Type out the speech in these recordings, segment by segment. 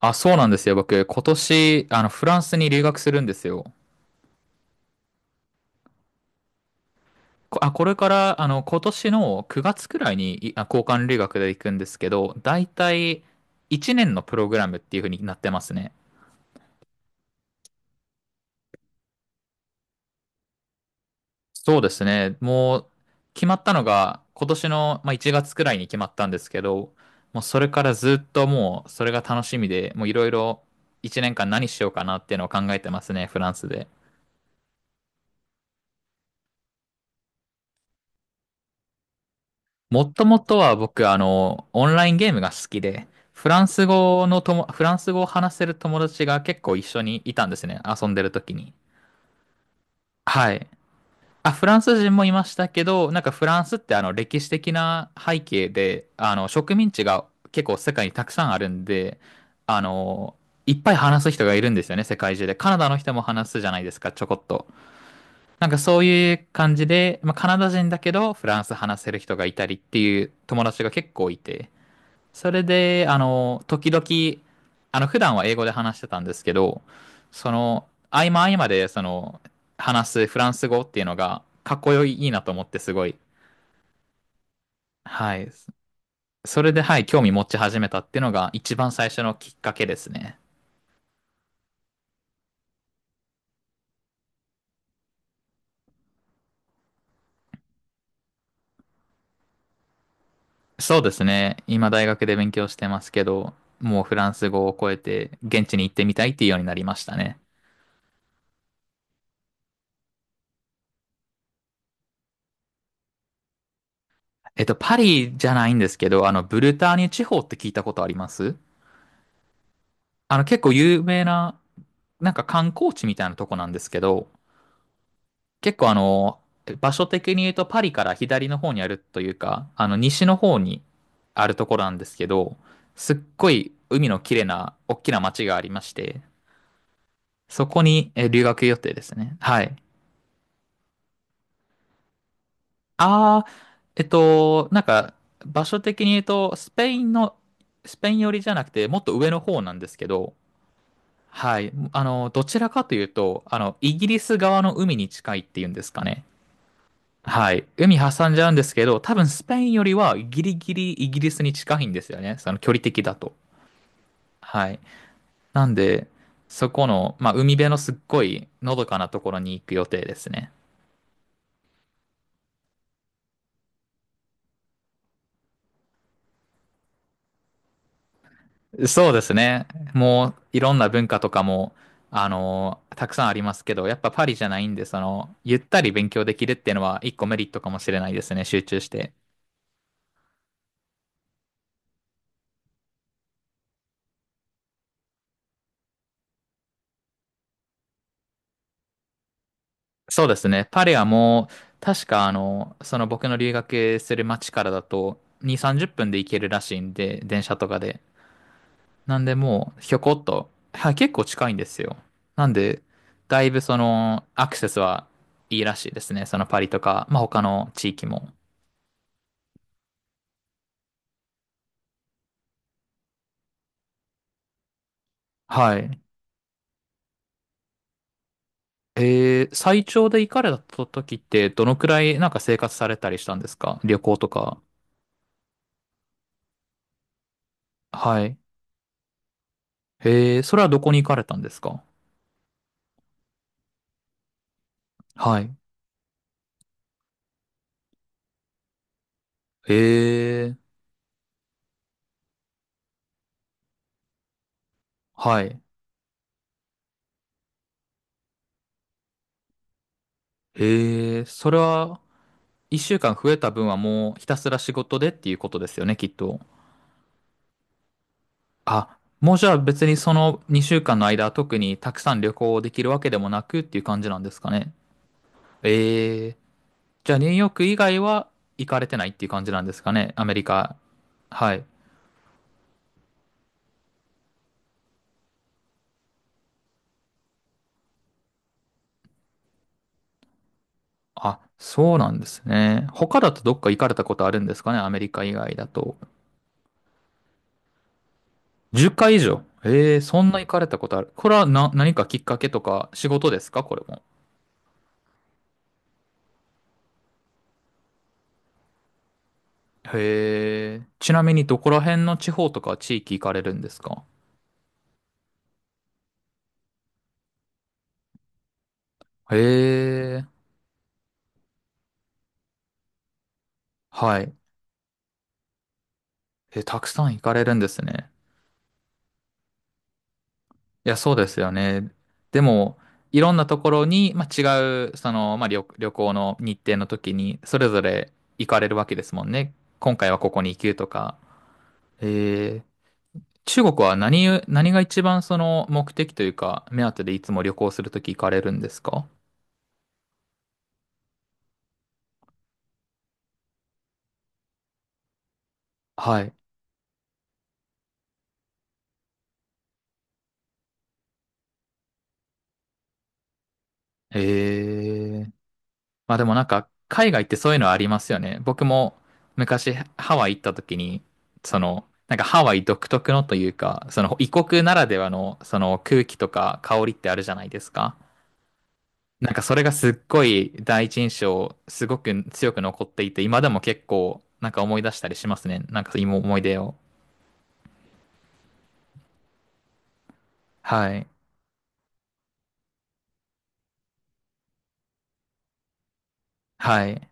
あ、そうなんですよ。僕、今年、フランスに留学するんですよ。これから、今年の9月くらいに、交換留学で行くんですけど、だいたい1年のプログラムっていう風になってますね。そうですね。決まったのが、今年の、1月くらいに決まったんですけど、もうそれからずっともう、それが楽しみで、もういろいろ1年間何しようかなっていうのを考えてますね、フランスで。もともとは僕、オンラインゲームが好きで、フランス語を話せる友達が結構一緒にいたんですね。遊んでる時に。はい。あ、フランス人もいましたけど、なんかフランスってあの歴史的な背景で、あの植民地が結構世界にたくさんあるんで、あの、いっぱい話す人がいるんですよね、世界中で。カナダの人も話すじゃないですか、ちょこっと。なんかそういう感じで、まあ、カナダ人だけどフランス話せる人がいたりっていう友達が結構いて。それで、時々、普段は英語で話してたんですけど、その、合間合間で、その、話すフランス語っていうのが、かっこよいいいなと思って、すごい。はい。それで、はい、興味持ち始めたっていうのが、一番最初のきっかけですね。そうですね。今、大学で勉強してますけど、もうフランス語を超えて、現地に行ってみたいっていうようになりましたね。えっと、パリじゃないんですけど、あの、ブルターニュ地方って聞いたことありますあの、結構有名な、なんか観光地みたいなとこなんですけど、結構あの、場所的に言うとパリから左の方にあるというか、あの、西の方にあるところなんですけど、すっごい海の綺麗な、大きな街がありまして、そこに留学予定ですね。はい。ああ、えっと、なんか、場所的に言うと、スペイン寄りじゃなくて、もっと上の方なんですけど、はい。どちらかというと、イギリス側の海に近いっていうんですかね。はい。海挟んじゃうんですけど、多分スペインよりはギリギリイギリスに近いんですよね。その距離的だと。はい。なんで、そこの、まあ、海辺のすっごいのどかなところに行く予定ですね。そうですね。いろんな文化とかも、たくさんありますけど、やっぱパリじゃないんで、その、ゆったり勉強できるっていうのは一個メリットかもしれないですね。集中して。そうですね。パリはもう、確かあの、その僕の留学する町からだと、2、30分で行けるらしいんで、電車とかで。なんでもう、ひょこっと、はい、結構近いんですよ。なんで、だいぶその、アクセスはいいらしいですね。そのパリとか、まあ他の地域も。はい。えー、最長で行かれた時って、どのくらいなんか生活されたりしたんですか？旅行とか。はい。えー、それはどこに行かれたんですか？はい。えー、はい。ええ、それは、一週間増えた分はもうひたすら仕事でっていうことですよね、きっと。あ、もうじゃあ別にその2週間の間、特にたくさん旅行できるわけでもなくっていう感じなんですかね。ええ、じゃあニューヨーク以外は行かれてないっていう感じなんですかね、アメリカ。はい。あ、そうなんですね。他だとどっか行かれたことあるんですかね、アメリカ以外だと。10回以上。ええ、そんな行かれたことある。これはな、何かきっかけとか仕事ですか、これも。へえ。ちなみにどこら辺の地方とか地域行かれるんですか？へえ。はい。え、たくさん行かれるんですね。いや、そうですよね。でも、いろんなところに、まあ、違う、その、まあ、旅行の日程の時に、それぞれ行かれるわけですもんね。今回はここに行くとか。えー中国は何が一番その目的というか、目当てでいつも旅行するとき行かれるんですか？はい。へえ。まあでもなんか、海外ってそういうのありますよね。僕も昔ハワイ行った時に、その、なんかハワイ独特のというか、その異国ならではのその空気とか香りってあるじゃないですか。なんかそれがすっごい第一印象、すごく強く残っていて、今でも結構なんか思い出したりしますね。なんか今思い出を。はい。はい。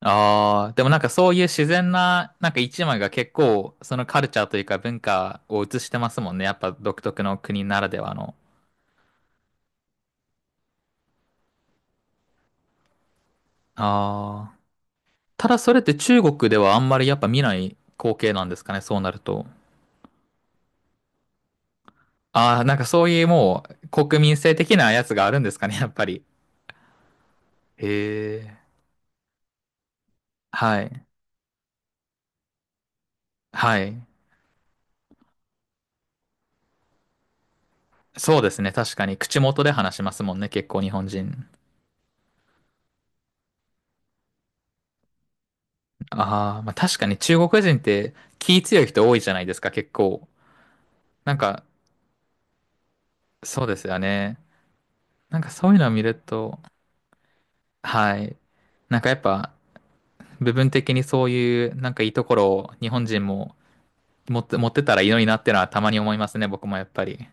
ああ、でもなんかそういう自然な、なんか一枚が結構そのカルチャーというか文化を映してますもんね。やっぱ独特の国ならではの。ああ。ただそれって中国ではあんまりやっぱ見ない光景なんですかね、そうなると。ああ、なんかそういうもう国民性的なやつがあるんですかね、やっぱり。へえ。はい。はい。そうですね、確かに。口元で話しますもんね、結構日本人。ああ、まあ確かに中国人って気強い人多いじゃないですか、結構。なんか、そうですよね。なんかそういうのを見ると、はい。なんかやっぱ、部分的にそういう、なんかいいところを日本人も持ってたらいいのになってのはたまに思いますね、僕もやっぱり。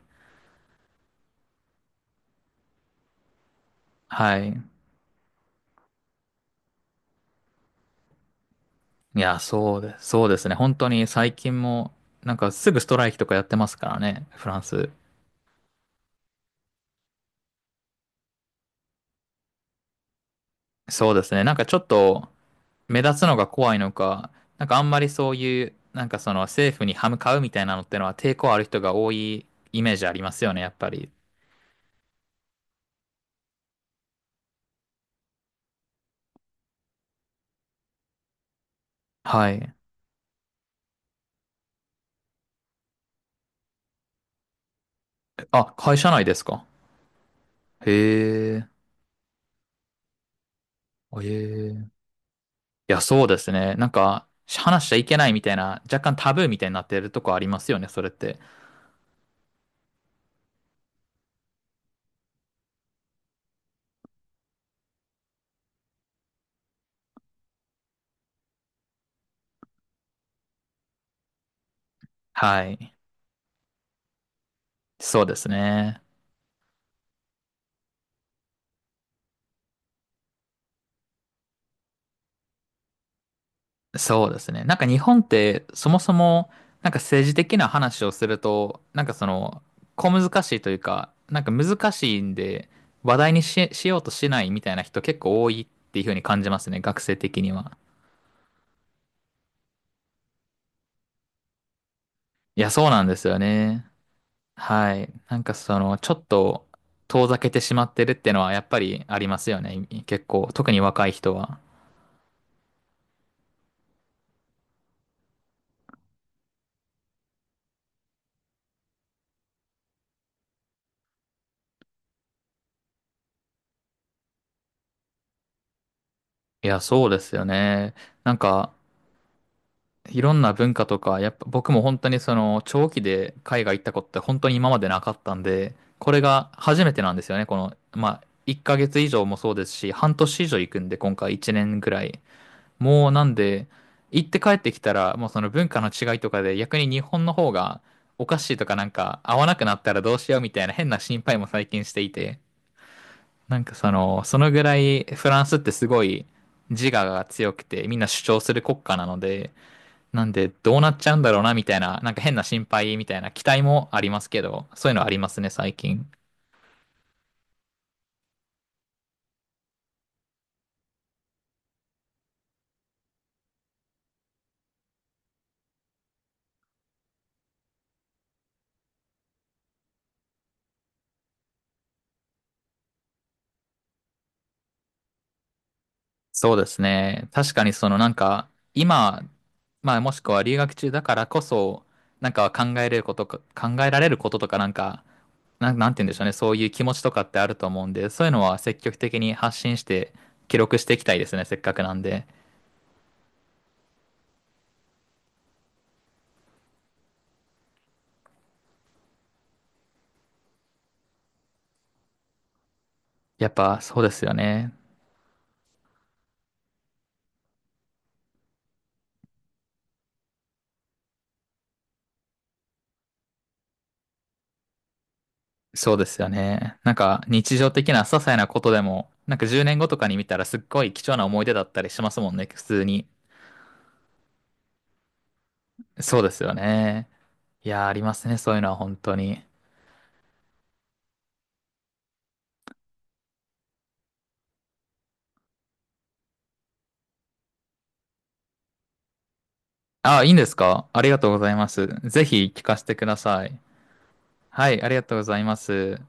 はい。いや、そうですね。本当に最近も、なんかすぐストライキとかやってますからね、フランス。そうですね。なんかちょっと目立つのが怖いのか、なんかあんまりそういう、なんかその政府に歯向かうみたいなのってのは抵抗ある人が多いイメージありますよね、やっぱり。はい。あ、会社内ですか？へえ。へえ。いや、そうですね。なんか、話しちゃいけないみたいな、若干タブーみたいになってるとこありますよね、それって。はい。そうですね。そうですね。なんか日本って、そもそも、なんか政治的な話をすると、なんかその、小難しいというか、なんか難しいんで、話題にし、しようとしないみたいな人結構多いっていうふうに感じますね、学生的には。いや、そうなんですよね。はい。なんかその、ちょっと遠ざけてしまってるっていうのはやっぱりありますよね。結構、特に若い人は。いや、そうですよね。なんか、いろんな文化とか、やっぱ僕も本当にその、長期で海外行ったことって本当に今までなかったんで、これが初めてなんですよね。この、まあ、1ヶ月以上もそうですし、半年以上行くんで、今回1年ぐらい。もうなんで、行って帰ってきたら、もうその文化の違いとかで逆に日本の方がおかしいとかなんか合わなくなったらどうしようみたいな変な心配も最近していて、なんかその、そのぐらいフランスってすごい自我が強くてみんな主張する国家なので、なんでどうなっちゃうんだろうなみたいな、なんか変な心配みたいな期待もありますけど、そういうのありますね最近。そうですね。確かにそのなんか今、まあもしくは留学中だからこそ、なんか考えられることとかなんか、なんて言うんでしょうね。そういう気持ちとかってあると思うんで、そういうのは積極的に発信して記録していきたいですね。せっかくなんで。やっぱそうですよね。そうですよね。なんか日常的な些細なことでも、なんか10年後とかに見たらすっごい貴重な思い出だったりしますもんね。普通に。そうですよね。いやー、ありますね。そういうのは本当に。あ、いいんですか？ありがとうございます。ぜひ聞かせてください。はい、ありがとうございます。